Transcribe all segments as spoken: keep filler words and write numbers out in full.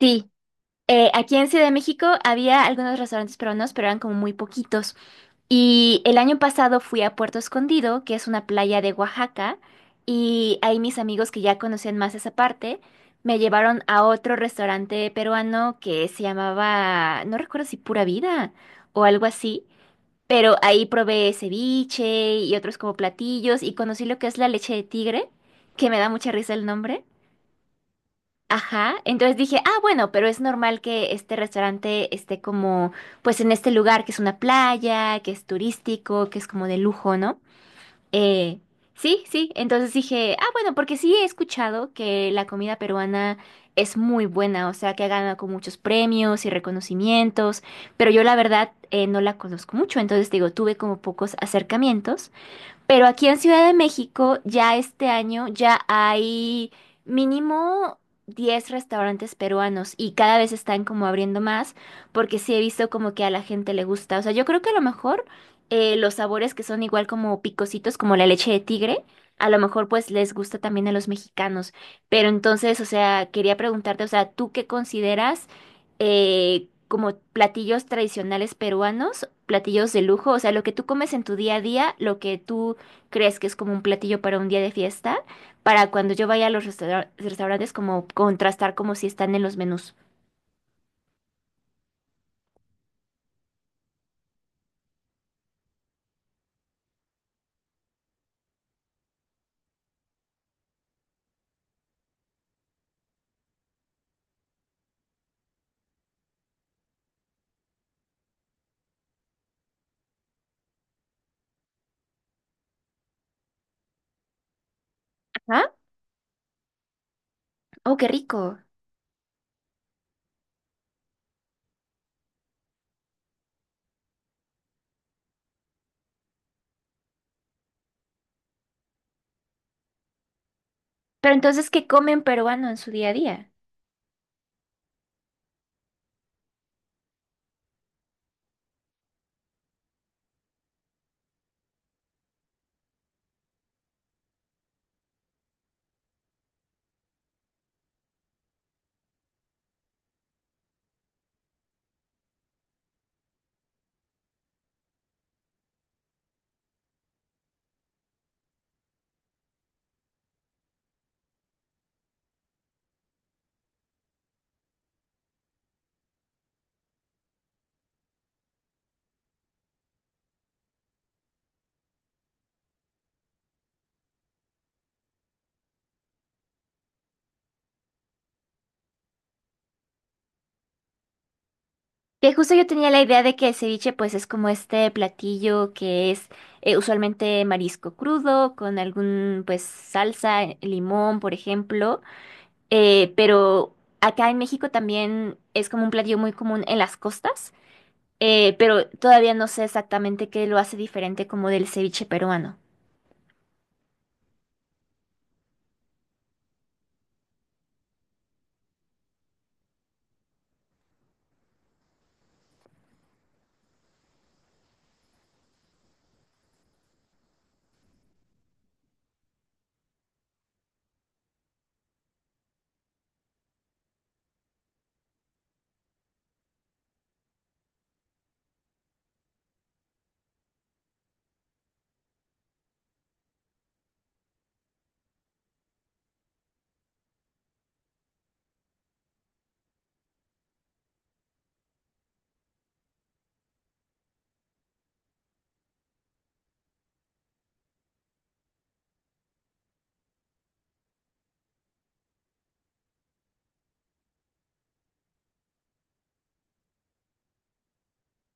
Sí, eh, aquí en Ciudad de México había algunos restaurantes peruanos, pero eran como muy poquitos. Y el año pasado fui a Puerto Escondido, que es una playa de Oaxaca, y ahí mis amigos que ya conocían más esa parte me llevaron a otro restaurante peruano que se llamaba, no recuerdo si Pura Vida o algo así, pero ahí probé ceviche y otros como platillos y conocí lo que es la leche de tigre, que me da mucha risa el nombre. Ajá, entonces dije, ah, bueno, pero es normal que este restaurante esté como, pues en este lugar que es una playa, que es turístico, que es como de lujo, ¿no? Eh, sí, sí, entonces dije, ah, bueno, porque sí he escuchado que la comida peruana es muy buena, o sea, que ha ganado con muchos premios y reconocimientos, pero yo la verdad eh, no la conozco mucho, entonces digo, tuve como pocos acercamientos. Pero aquí en Ciudad de México ya este año ya hay mínimo diez restaurantes peruanos y cada vez están como abriendo más porque sí he visto como que a la gente le gusta. O sea, yo creo que a lo mejor eh, los sabores que son igual como picositos, como la leche de tigre, a lo mejor pues les gusta también a los mexicanos. Pero entonces, o sea, quería preguntarte, o sea, ¿tú qué consideras eh, como platillos tradicionales peruanos platillos de lujo? O sea, lo que tú comes en tu día a día, lo que tú crees que es como un platillo para un día de fiesta, para cuando yo vaya a los restaura- restaurantes como contrastar como si están en los menús. Ajá. Oh, qué rico. Pero entonces, ¿qué comen peruano en su día a día? Que justo yo tenía la idea de que el ceviche pues es como este platillo que es eh, usualmente marisco crudo con algún pues salsa, eh, limón, por ejemplo. Eh, pero acá en México también es como un platillo muy común en las costas. Eh, pero todavía no sé exactamente qué lo hace diferente como del ceviche peruano.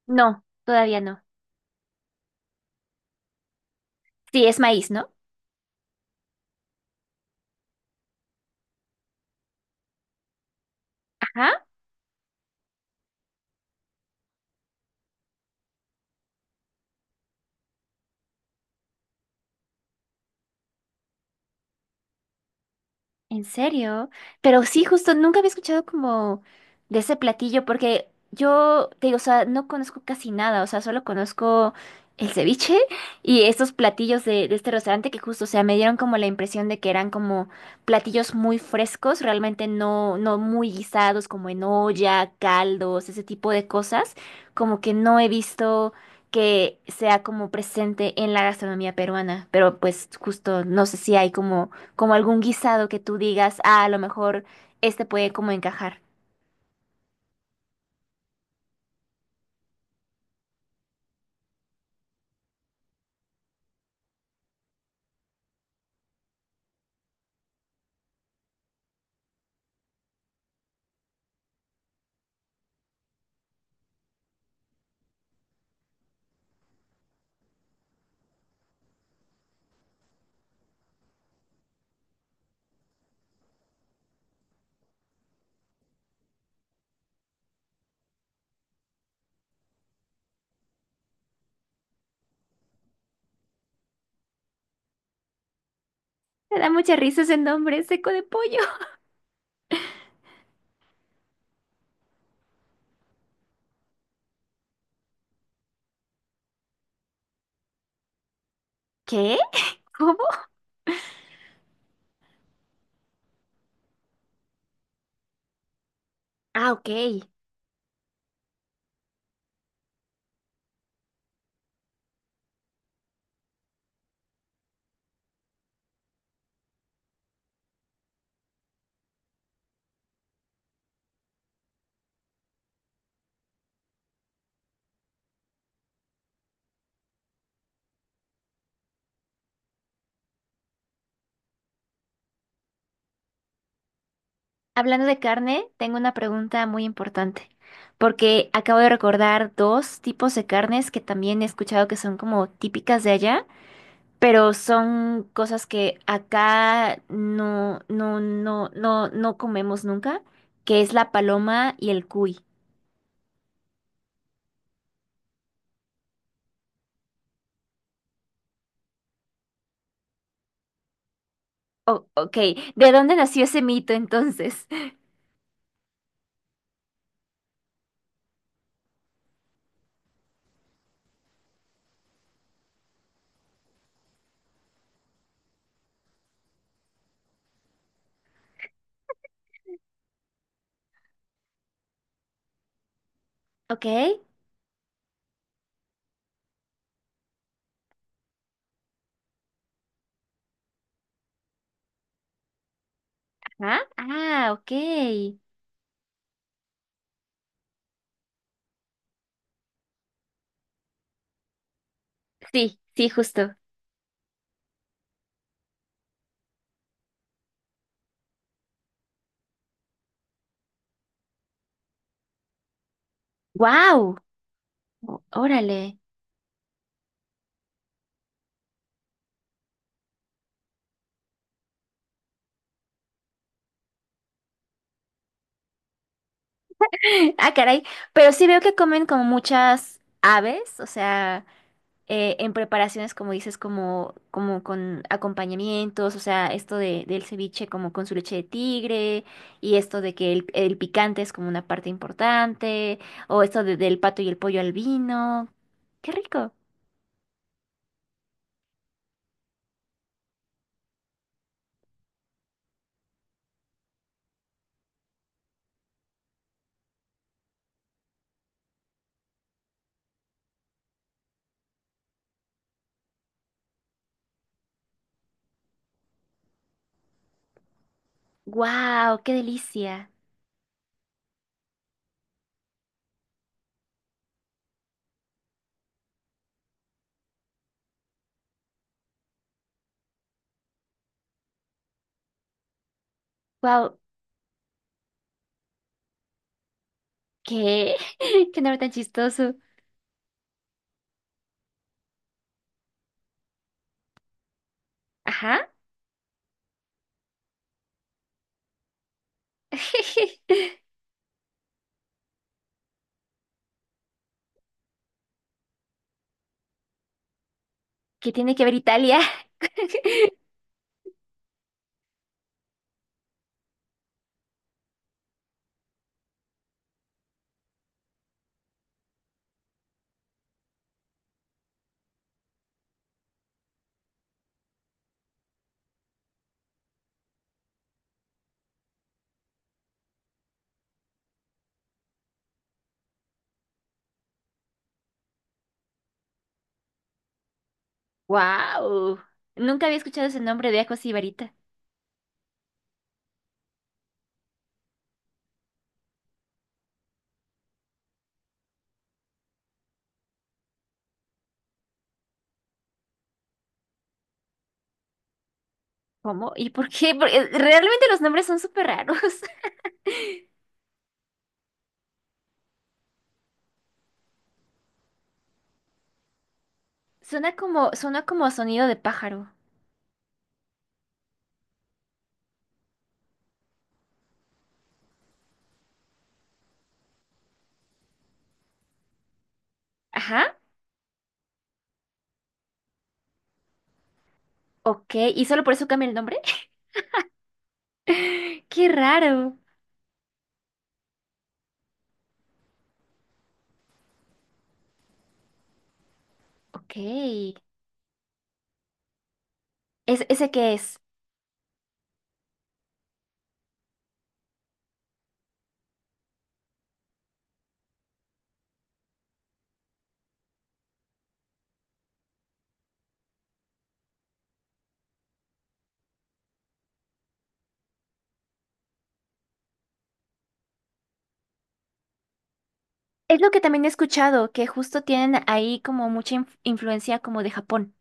No, todavía no. Sí, es maíz, ¿no? Ajá. ¿En serio? Pero sí, justo nunca había escuchado como de ese platillo, porque yo te digo, o sea, no conozco casi nada, o sea, solo conozco el ceviche y estos platillos de, de este restaurante que justo, o sea, me dieron como la impresión de que eran como platillos muy frescos, realmente no, no muy guisados, como en olla, caldos, ese tipo de cosas, como que no he visto que sea como presente en la gastronomía peruana, pero pues justo no sé si hay como como algún guisado que tú digas, ah, a lo mejor este puede como encajar. Me da mucha risa ese nombre, seco de pollo. ¿Qué? ¿Cómo? Ah, ok. Hablando de carne, tengo una pregunta muy importante, porque acabo de recordar dos tipos de carnes que también he escuchado que son como típicas de allá, pero son cosas que acá no, no, no, no, no comemos nunca, que es la paloma y el cuy. Oh, ok, ¿de dónde nació ese mito entonces? Ok. ¿Ah? Ah, ok. Sí, sí, justo. ¡Wow! Órale. Ah, caray. Pero sí veo que comen como muchas aves, o sea, eh, en preparaciones, como dices, como, como con acompañamientos, o sea, esto de, del ceviche como con su leche de tigre, y esto de que el, el picante es como una parte importante, o esto de- del pato y el pollo al vino. ¡Qué rico! ¡Wow! ¡Qué delicia! ¡Wow! ¿Qué? ¡Qué nombre tan chistoso! Ajá. ¿Qué tiene que ver Italia? Wow. Nunca había escuchado ese nombre de Ajo Sibarita. ¿Cómo? ¿Y por qué? Porque realmente los nombres son súper raros. Suena como, suena como sonido de pájaro. Ajá. Ok. ¿Y solo por eso cambia el nombre? Qué raro. Ok. ¿Es, ese qué es? Es lo que también he escuchado, que justo tienen ahí como mucha inf- influencia como de Japón.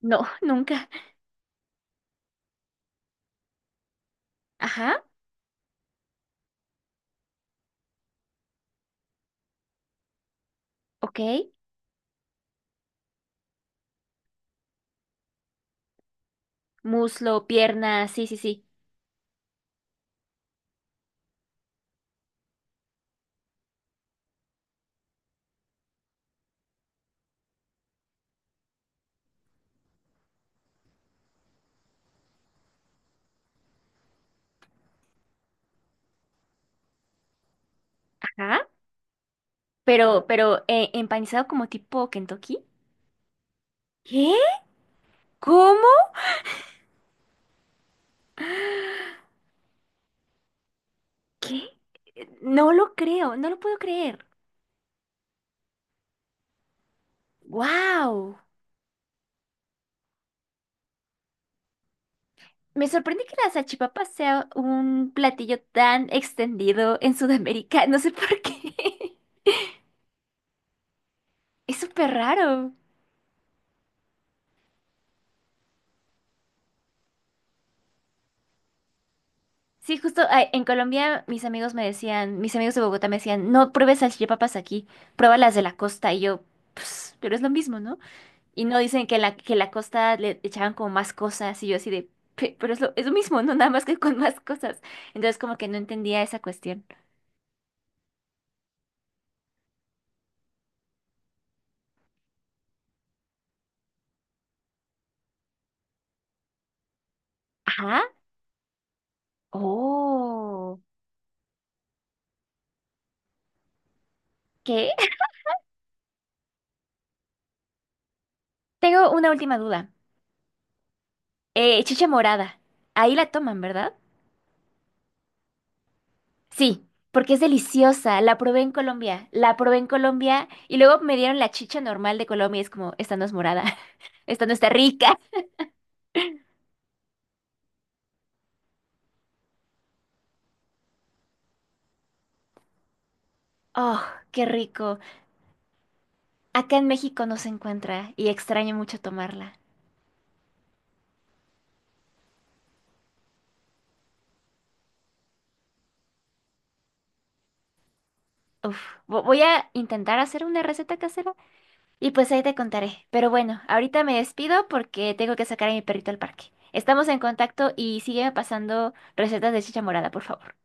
No, nunca. Ajá. Ok. Muslo, pierna, sí, sí, sí. ¿Ah? Pero, pero, eh, empanizado como tipo Kentucky. ¿Qué? ¿Cómo? ¿Qué? Eh, No lo creo, no lo puedo creer. ¡Wow! Me sorprende que la salchipapa sea un platillo tan extendido en Sudamérica. No sé por qué. Es súper raro. Sí, justo ah, en Colombia mis amigos me decían, mis amigos de Bogotá me decían, no pruebes salchipapas aquí, pruébalas de la costa. Y yo, pues, pero es lo mismo, ¿no? Y no dicen que la, que la costa le echaban como más cosas y yo así de, "Pe- pero es lo, es lo mismo, no nada más que con más cosas". Entonces como que no entendía esa cuestión. Ajá. Oh. ¿Qué? Tengo una última duda. Eh, chicha morada. Ahí la toman, ¿verdad? Sí, porque es deliciosa. La probé en Colombia. La probé en Colombia y luego me dieron la chicha normal de Colombia y es como, esta no es morada. Esta no está rica. Oh, qué rico. Acá en México no se encuentra y extraño mucho tomarla. Uf, vo- voy a intentar hacer una receta casera y pues ahí te contaré. Pero bueno, ahorita me despido porque tengo que sacar a mi perrito al parque. Estamos en contacto y sígueme pasando recetas de chicha morada, por favor.